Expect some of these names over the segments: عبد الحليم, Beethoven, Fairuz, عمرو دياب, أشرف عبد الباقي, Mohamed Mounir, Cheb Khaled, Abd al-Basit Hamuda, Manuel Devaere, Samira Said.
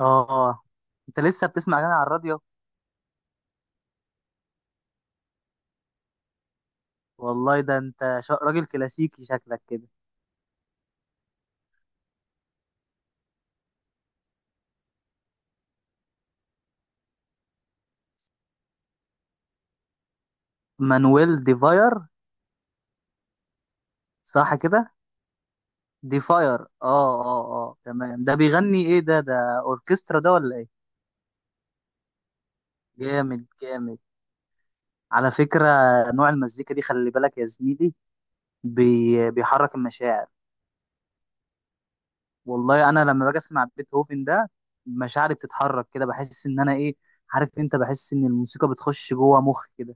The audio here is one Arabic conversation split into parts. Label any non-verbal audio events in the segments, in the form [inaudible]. اه، انت لسه بتسمع اغاني على الراديو؟ والله ده انت راجل كلاسيكي شكلك كده. مانويل ديفاير، صح كده؟ ديفاير، اه اه. اه تمام، ده بيغني ايه؟ ده اوركسترا ده ولا ايه؟ جامد جامد، على فكرة. نوع المزيكا دي خلي بالك يا زميلي، بيحرك المشاعر. والله انا لما باجي اسمع بيتهوفن ده، مشاعري بتتحرك كده، بحس ان انا ايه، عارف انت، بحس ان الموسيقى بتخش جوه مخي كده.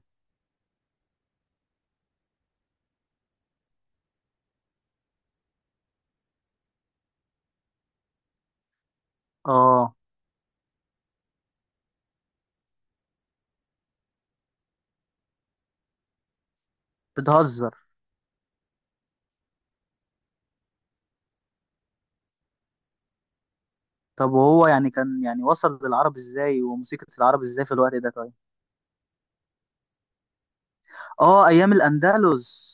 اه، بتهزر. طب وهو يعني كان يعني وصل للعرب ازاي؟ وموسيقى العرب ازاي في الوقت ده طيب؟ اه، ايام الاندلس.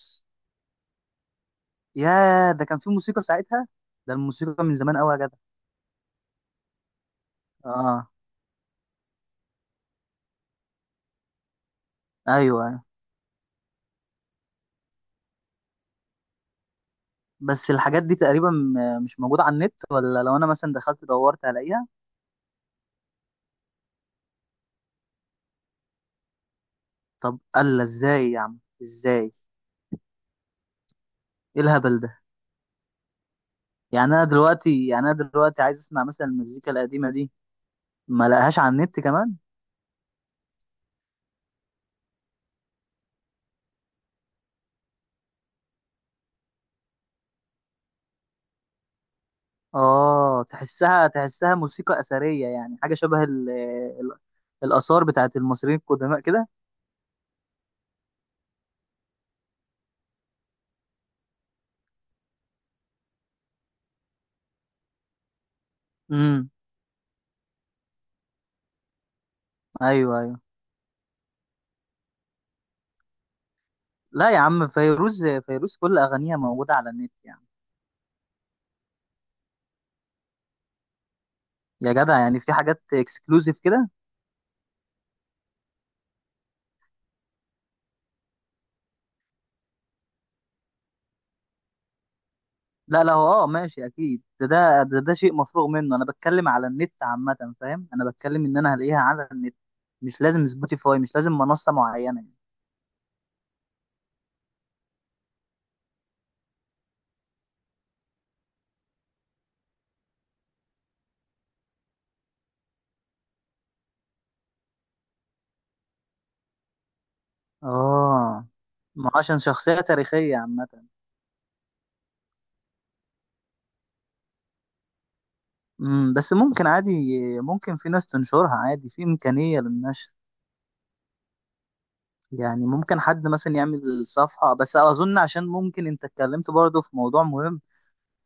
يا ده كان في موسيقى ساعتها؟ ده الموسيقى من زمان قوي يا جدع. اه، ايوه، أيوة. بس الحاجات دي تقريبا مش موجوده على النت، ولا لو انا مثلا دخلت دورت هلاقيها؟ طب الا ازاي يا عم، ازاي؟ ايه الهبل ده؟ يعني انا دلوقتي عايز اسمع مثلا المزيكا القديمه دي، ما لقاهاش على النت كمان. اه، تحسها موسيقى اثريه، يعني حاجه شبه ال الاثار بتاعت المصريين القدماء كده. امم. ايوه ايوه. لا يا عم، فيروز، فيروز كل اغانيها موجوده على النت يعني. يا جدع، يعني في حاجات اكسكلوزيف كده. لا لا، هو ماشي اكيد، ده شيء مفروغ منه. انا بتكلم على النت عامه، فاهم؟ انا بتكلم ان انا هلاقيها على النت، مش لازم سبوتيفاي، مش لازم منصه معينه يعني. اه، ما هو عشان شخصيه تاريخيه عامه. مم، بس ممكن عادي، ممكن في ناس تنشرها عادي، في إمكانية للنشر. يعني ممكن حد مثلا يعمل صفحة، بس أظن عشان ممكن أنت اتكلمت برضه في موضوع مهم،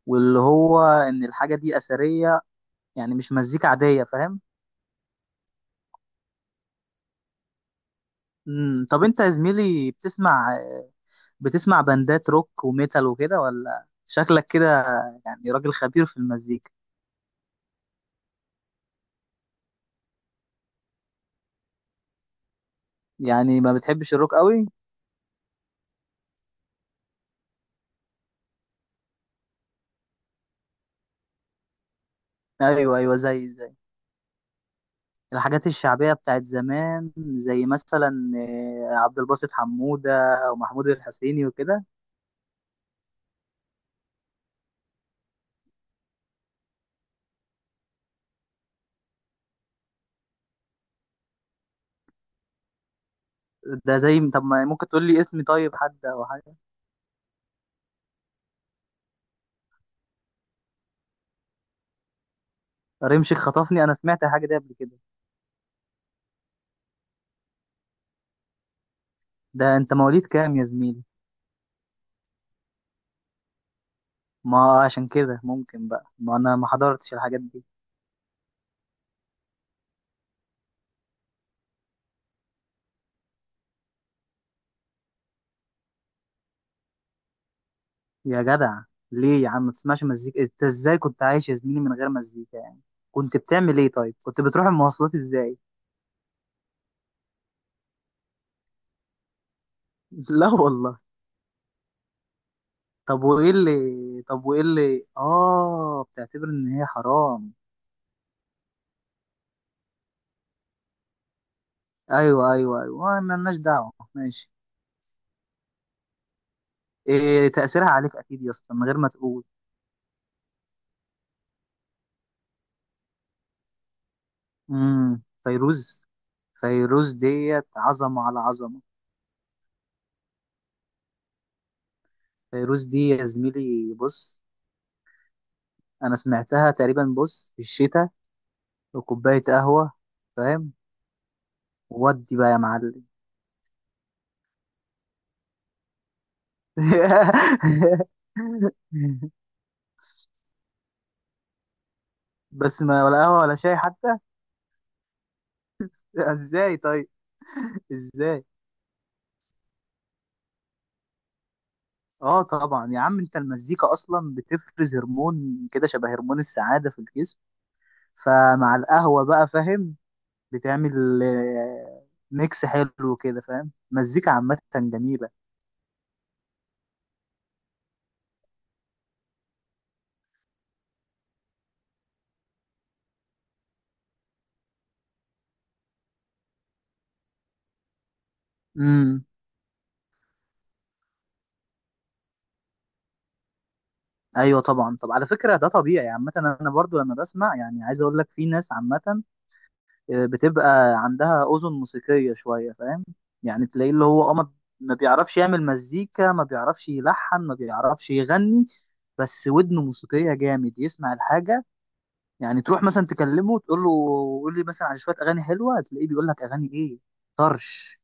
واللي هو إن الحاجة دي أثرية، يعني مش مزيكا عادية، فاهم؟ مم، طب أنت يا زميلي بتسمع باندات روك وميتال وكده، ولا شكلك كده يعني راجل خبير في المزيكا. يعني ما بتحبش الروك قوي؟ أيوه أيوه، زي الحاجات الشعبية بتاعت زمان. زي مثلا عبد الباسط حمودة ومحمود الحسيني وكده. ده زي، طب ما ممكن تقول لي اسمي طيب، حد أو حاجة؟ رمش خطفني، أنا سمعت الحاجة دي قبل كده. ده أنت مواليد كام يا زميلي؟ ما عشان كده ممكن بقى، ما أنا ما حضرتش الحاجات دي. يا جدع، ليه يا عم ما تسمعش مزيكا؟ أنت إزاي كنت عايش يا زميلي من غير مزيكا يعني؟ كنت بتعمل إيه طيب؟ كنت بتروح المواصلات إزاي؟ [laughs] لا والله. طب وايه اللي طب وايه اللي بتعتبر ان هي حرام؟ ايوه ايوه ايوه، ما لناش دعوه، ماشي. إيه تأثيرها عليك اكيد يا اسطى من غير ما تقول. امم، فيروز. فيروز ديت عظمه على عظمه. فيروز دي يا زميلي، بص، انا سمعتها تقريبا، بص، في الشتاء وكوبايه قهوه، فاهم؟ ودي بقى يا معلم. [laughs] بس ما ولا قهوه ولا شاي حتى. [laughs] ازاي طيب؟ ازاي؟ اه، طبعا يا عم، انت المزيكا اصلا بتفرز هرمون كده شبه هرمون السعاده في الجسم، فمع القهوه بقى، فاهم؟ بتعمل ميكس حلو كده، فاهم؟ مزيكا عامه جميله. امم، ايوه طبعا. طب على فكره، ده طبيعي عامه، انا برضو لما بسمع، يعني عايز اقول لك، في ناس عامه بتبقى عندها اذن موسيقيه شويه، فاهم؟ يعني تلاقيه اللي هو ما بيعرفش يعمل مزيكا، ما بيعرفش يلحن، ما بيعرفش يغني. بس ودنه موسيقية جامد، يسمع الحاجة. يعني تروح مثلا تكلمه تقول له، قول لي مثلا على شويه اغاني حلوه، تلاقيه بيقول لك اغاني ايه؟ طرش.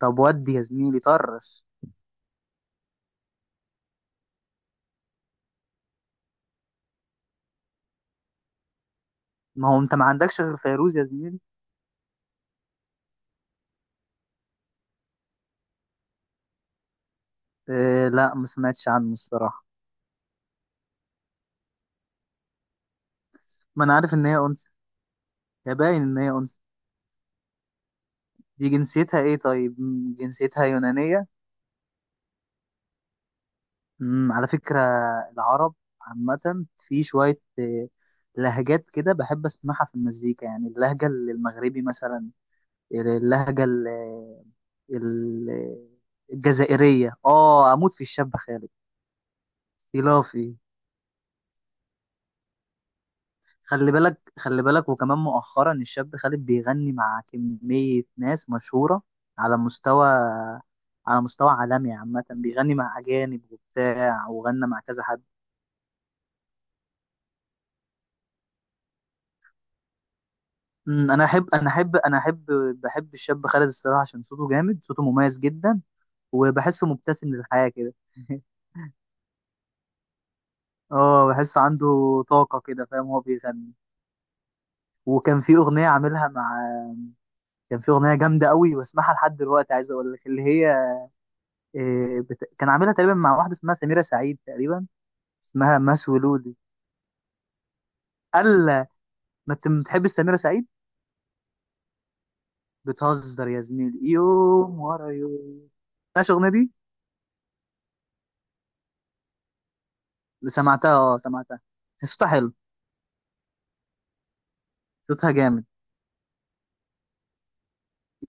طب ودي يا زميلي طرش؟ ما هو انت ما عندكش غير فيروز يا زميلي. إيه؟ لا، ما سمعتش عنه الصراحه. ما انا عارف ان هي انثى، هي باين ان هي انثى. دي جنسيتها ايه طيب؟ مم، جنسيتها يونانيه؟ مم، على فكره، العرب عامه، في شويه لهجات كده بحب اسمعها في المزيكا، يعني اللهجه المغربي مثلا، اللهجه ال- الجزائرية. اه، اموت في الشاب خالد. اختلافي. خلي بالك، خلي بالك، وكمان مؤخرا الشاب خالد بيغني مع كمية ناس مشهورة على مستوى، على مستوى عالمي عامة، بيغني مع أجانب وبتاع وغنى مع كذا حد. أمم، أنا أحب بحب الشاب خالد الصراحة، عشان صوته جامد، صوته مميز جدا، وبحسه مبتسم للحياة كده. [laughs] اه، بحسه عنده طاقة كده، فاهم؟ هو بيغني. وكان في أغنية عاملها مع كان في اغنيه جامده قوي بسمعها لحد دلوقتي، عايز اقول لك اللي هي كان عاملها تقريبا مع واحده اسمها سميره سعيد تقريبا، اسمها ماس ولودي. قال لها، ما انت بتحب سميره سعيد. بتهزر يا زميلي، يوم ورا يوم. ماشي. الاغنيه دي اللي سمعتها، سمعتها، صوتها حلو، صوتها جامد.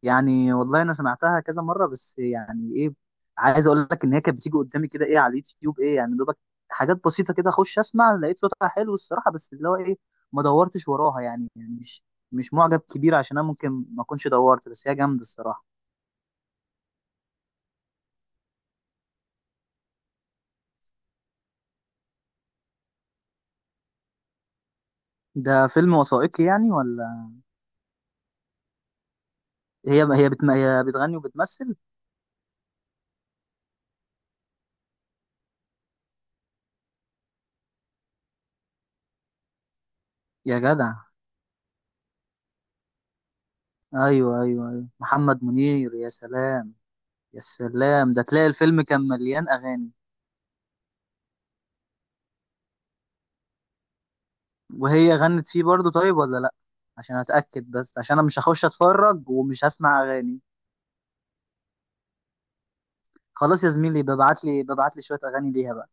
يعني والله انا سمعتها كذا مره، بس يعني ايه، عايز اقول لك ان هي كانت بتيجي قدامي كده ايه، على اليوتيوب، ايه يعني دوبك، حاجات بسيطه كده، اخش اسمع لقيت صوتها حلو الصراحه، بس اللي هو ايه، ما دورتش وراها يعني، مش معجب كبير، عشان انا ممكن ما اكونش دورت، بس هي جامده الصراحه. ده فيلم وثائقي يعني ولا؟ هي بتغني وبتمثل؟ يا جدع، ايوه ايوه ايوه، محمد منير، يا سلام. يا سلام، ده تلاقي الفيلم كان مليان اغاني. وهي غنت فيه برضو طيب، ولا لا؟ عشان اتاكد بس، عشان انا مش هخش اتفرج ومش هسمع اغاني. خلاص يا زميلي، ببعت لي شويه اغاني ليها بقى.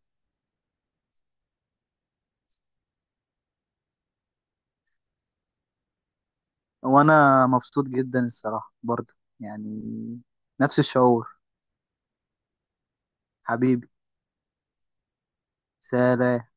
وانا مبسوط جدا الصراحه برضو، يعني نفس الشعور. حبيبي. سلام.